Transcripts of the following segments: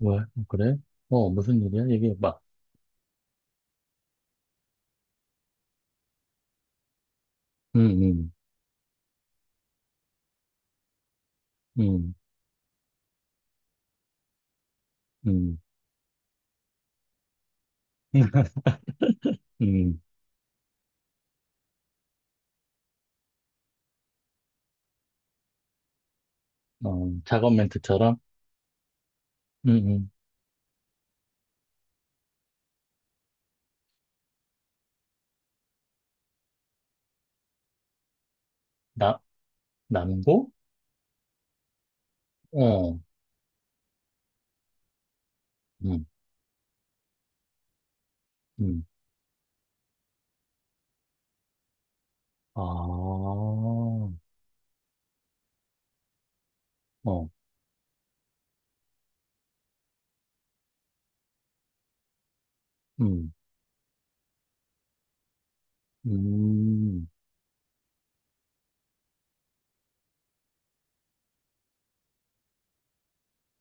왜? 어, 그래? 어, 무슨 일이야? 얘기해봐. 응, 응, 응, 응. 음. 어, 작업 멘트처럼? 음, 음. 나, 남고? 어, 음, 음. 아, 어, 음, 음,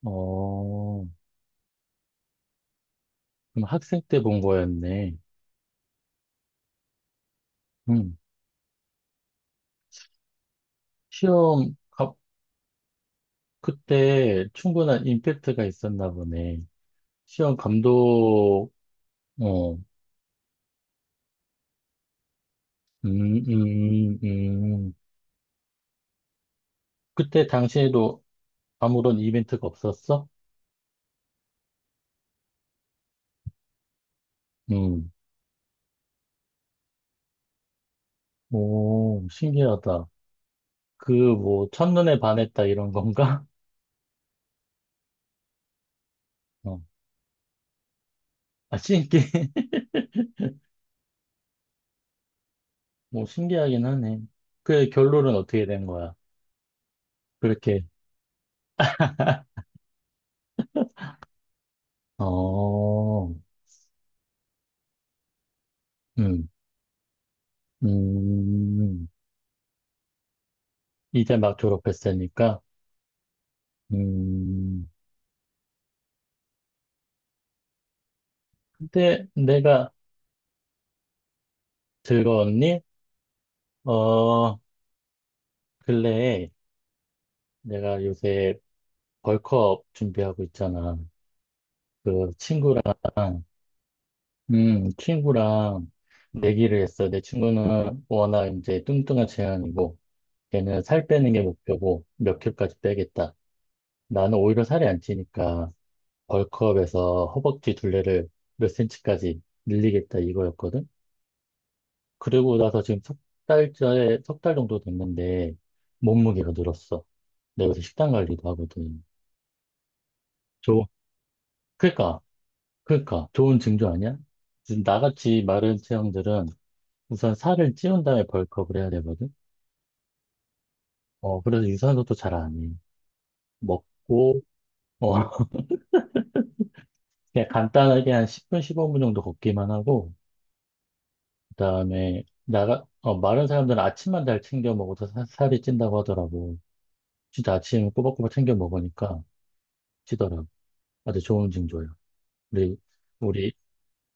어. 그럼 학생 때 본 거였네. 음, 시험, 가, 그때 충분한 임팩트가 있었나 보네. 시험 감독, 어, 음, 음. 음. 그때 당시에도 아무런 이벤트가 없었어? 음. 오, 신기하다. 그, 뭐, 첫눈에 반했다, 이런 건가? 어, 아, 신기, 뭐, 신기하긴 하네. 그 결론은 어떻게 된 거야? 그렇게, 어, 음, 음, 이제 막 졸업했으니까. 음, 근데 내가 들었니? 어, 근래에 내가 요새 벌크업 준비하고 있잖아. 그 친구랑 친구랑 내기를 했어. 내 친구는 워낙 이제 뚱뚱한 체형이고, 걔는 살 빼는 게 목표고, 몇 킬까지 빼겠다. 나는 오히려 살이 안 찌니까, 벌크업에서 허벅지 둘레를 몇 센치까지 늘리겠다 이거였거든? 그러고 나서 지금 석 달째, 석 달 정도 됐는데, 몸무게가 늘었어. 내가 요새 식단 관리도 하거든. 좋, 그니까, 그니까, 좋은 징조 아니야? 지금 나같이 마른 체형들은 우선 살을 찌운 다음에 벌크업을 해야 되거든? 어, 그래서 유산소도 잘 안 해. 먹고, 어, 그냥 간단하게 한 10분, 15분 정도 걷기만 하고, 그다음에 마른 사람들은 아침만 잘 챙겨 먹어서 살이 찐다고 하더라고. 진짜 아침 꼬박꼬박 챙겨 먹으니까 찌더라고. 아주 좋은 징조야. 우리, 우리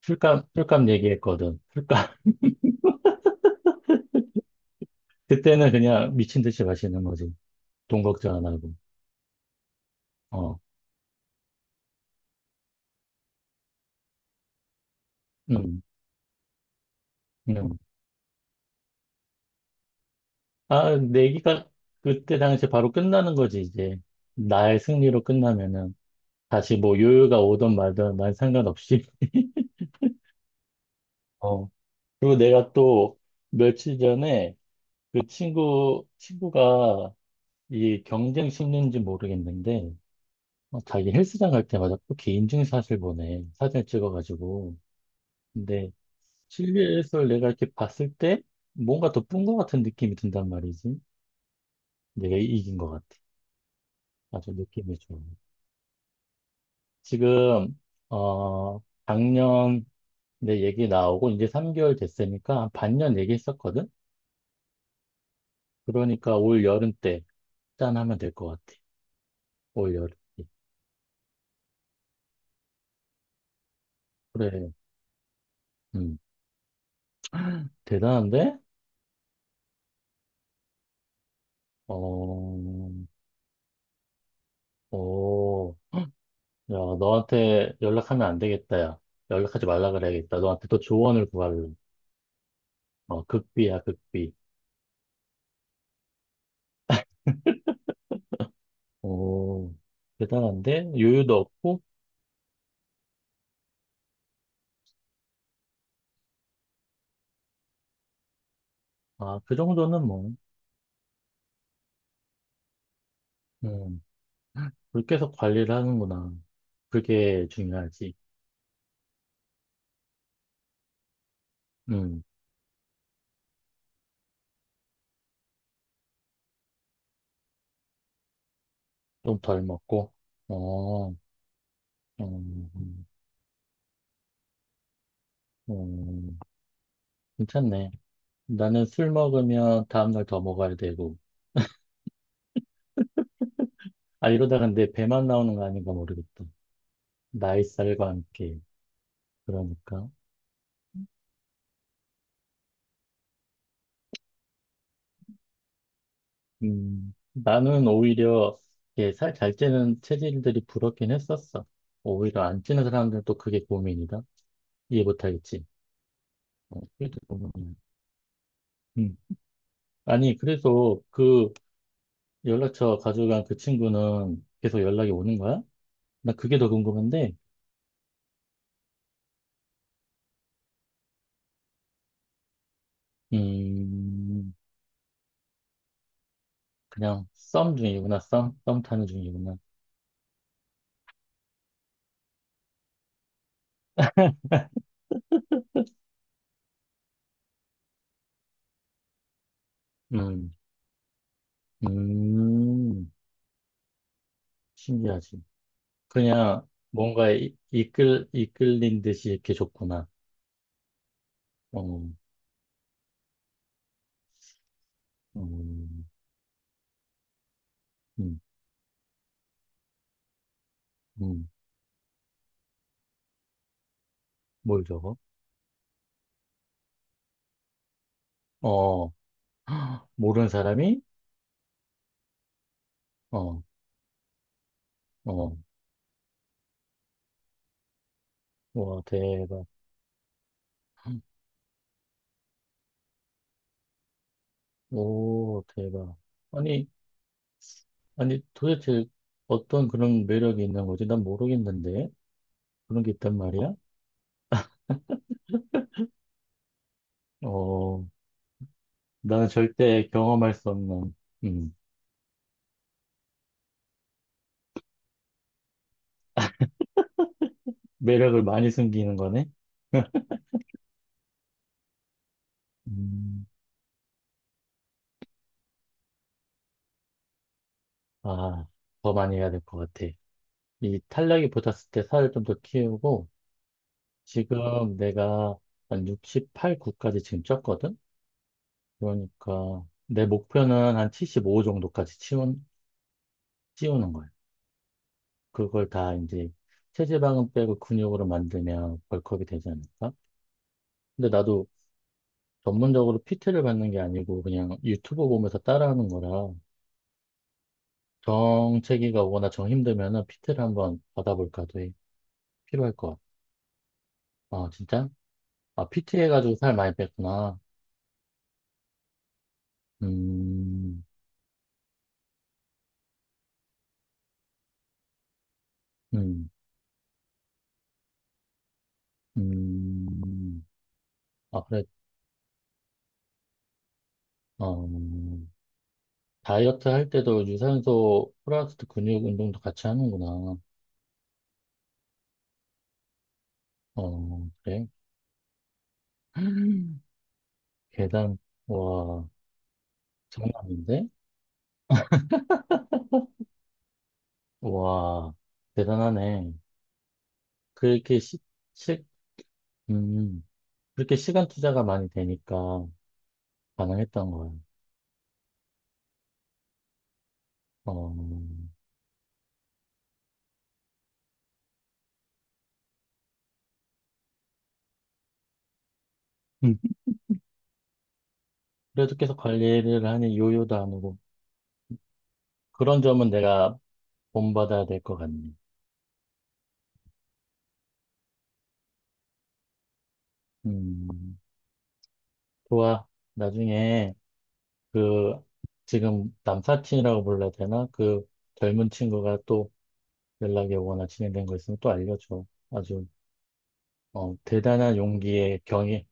술값 얘기했거든. 술값. 그때는 그냥 미친 듯이 마시는 거지. 돈 걱정 안 하고. 어, 음, 음. 아, 내기가 그때 당시 바로 끝나는 거지, 이제. 나의 승리로 끝나면은. 다시 뭐 요요가 오든 말든 난 상관없이. 어, 그리고 내가 또 며칠 전에 친구가 이 경쟁 심리인지 모르겠는데, 자기 헬스장 갈 때마다 또 개인증 사진 보내. 사진을 찍어가지고. 근데 실내에서 내가 이렇게 봤을 때 뭔가 더 뿐 것 같은 느낌이 든단 말이지. 내가 이긴 것 같아. 아주 느낌이 좋아. 지금, 어, 작년 내 얘기 나오고 이제 3개월 됐으니까 한 반년 얘기했었거든? 그러니까 올 여름 때 짠하면 될 것 같아. 올 여름 때. 그래. 음. 대단한데? 어, 어, 야, 너한테 연락하면 안 되겠다, 야. 연락하지 말라 그래야겠다. 너한테 또 조언을 구할래. 어, 극비야, 극비. 오, 대단한데? 여유도 없고? 아, 그 정도는 뭐. 음, 계속 관리를 하는구나. 그게 중요하지. 음, 좀 덜 먹고. 어, 음, 음. 음. 괜찮네. 나는 술 먹으면 다음날 더 먹어야 되고. 아, 이러다 근데 배만 나오는 거 아닌가 모르겠다. 나이 살과 함께. 그러니까. 나는 오히려 이게 살잘 찌는 체질들이 부럽긴 했었어. 오히려 안 찌는 사람들은 또 그게 고민이다. 이해 못하겠지. 어, 그게 또 고민이야. 음. 아니, 그래서 그 연락처 가져간 그 친구는 계속 연락이 오는 거야? 나 그게 더 궁금한데. 음, 그냥 썸 중이구나. 썸? 썸 타는 중이구나. 음, 음, 신기하지. 그냥 뭔가에 이끌린 듯이 이렇게 줬구나. 어, 음, 음, 음, 뭘 저거? 어, 모르는 사람이? 어, 어, 와, 대박. 오, 대박. 아니, 아니, 도대체 어떤 그런 매력이 있는 거지? 난 모르겠는데. 그런 게 있단 말이야? 어, 나는 절대 경험할 수 없는. 음, 매력을 많이 숨기는 거네? 음, 아, 더 많이 해야 될 것 같아. 이 탄력이 붙었을 때 살을 좀 더 키우고, 지금 내가 한 68, 9까지 지금 쪘거든? 그러니까, 내 목표는 한 75 정도까지 찌우는 거야. 그걸 다 이제 체지방은 빼고 근육으로 만들면 벌크업이 되지 않을까? 근데 나도 전문적으로 PT를 받는 게 아니고 그냥 유튜브 보면서 따라하는 거라 정체기가 오거나 정 힘들면은 PT를 한번 받아볼까도 해. 필요할 것 같아. 아, 진짜? 아, PT 해가지고 살 많이 뺐구나. 음, 음, 음. 아, 그래, 어, 다이어트 할 때도 유산소 플러스 근육 운동도 같이 하는구나. 어, 그래. 계단, 와, 장난 아닌데? 와, 대단하네. 그렇게 시, 시, 음, 그렇게 시간 투자가 많이 되니까 가능했던 거야. 어, 그래도 계속 관리를 하니 요요도 안 오고 그런 점은 내가 본받아야 될 것 같네. 음, 좋아. 나중에 그 지금 남사친이라고 불러야 되나? 그 젊은 친구가 또 연락이 오거나 진행된 거 있으면 또 알려줘. 아주 대단한 용기의 경이.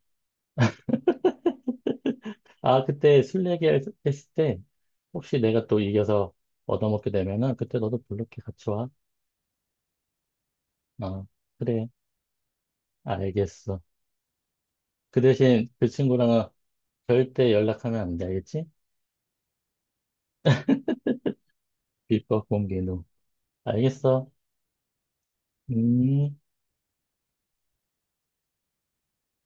아, 그때 술 얘기했을 때 혹시 내가 또 이겨서 얻어먹게 되면은 그때 너도 블루키 같이 와. 어, 그래. 알겠어. 그 대신 그 친구랑은 절대 연락하면 안 돼. 알겠지? 비법 공개 후. 알겠어. 음.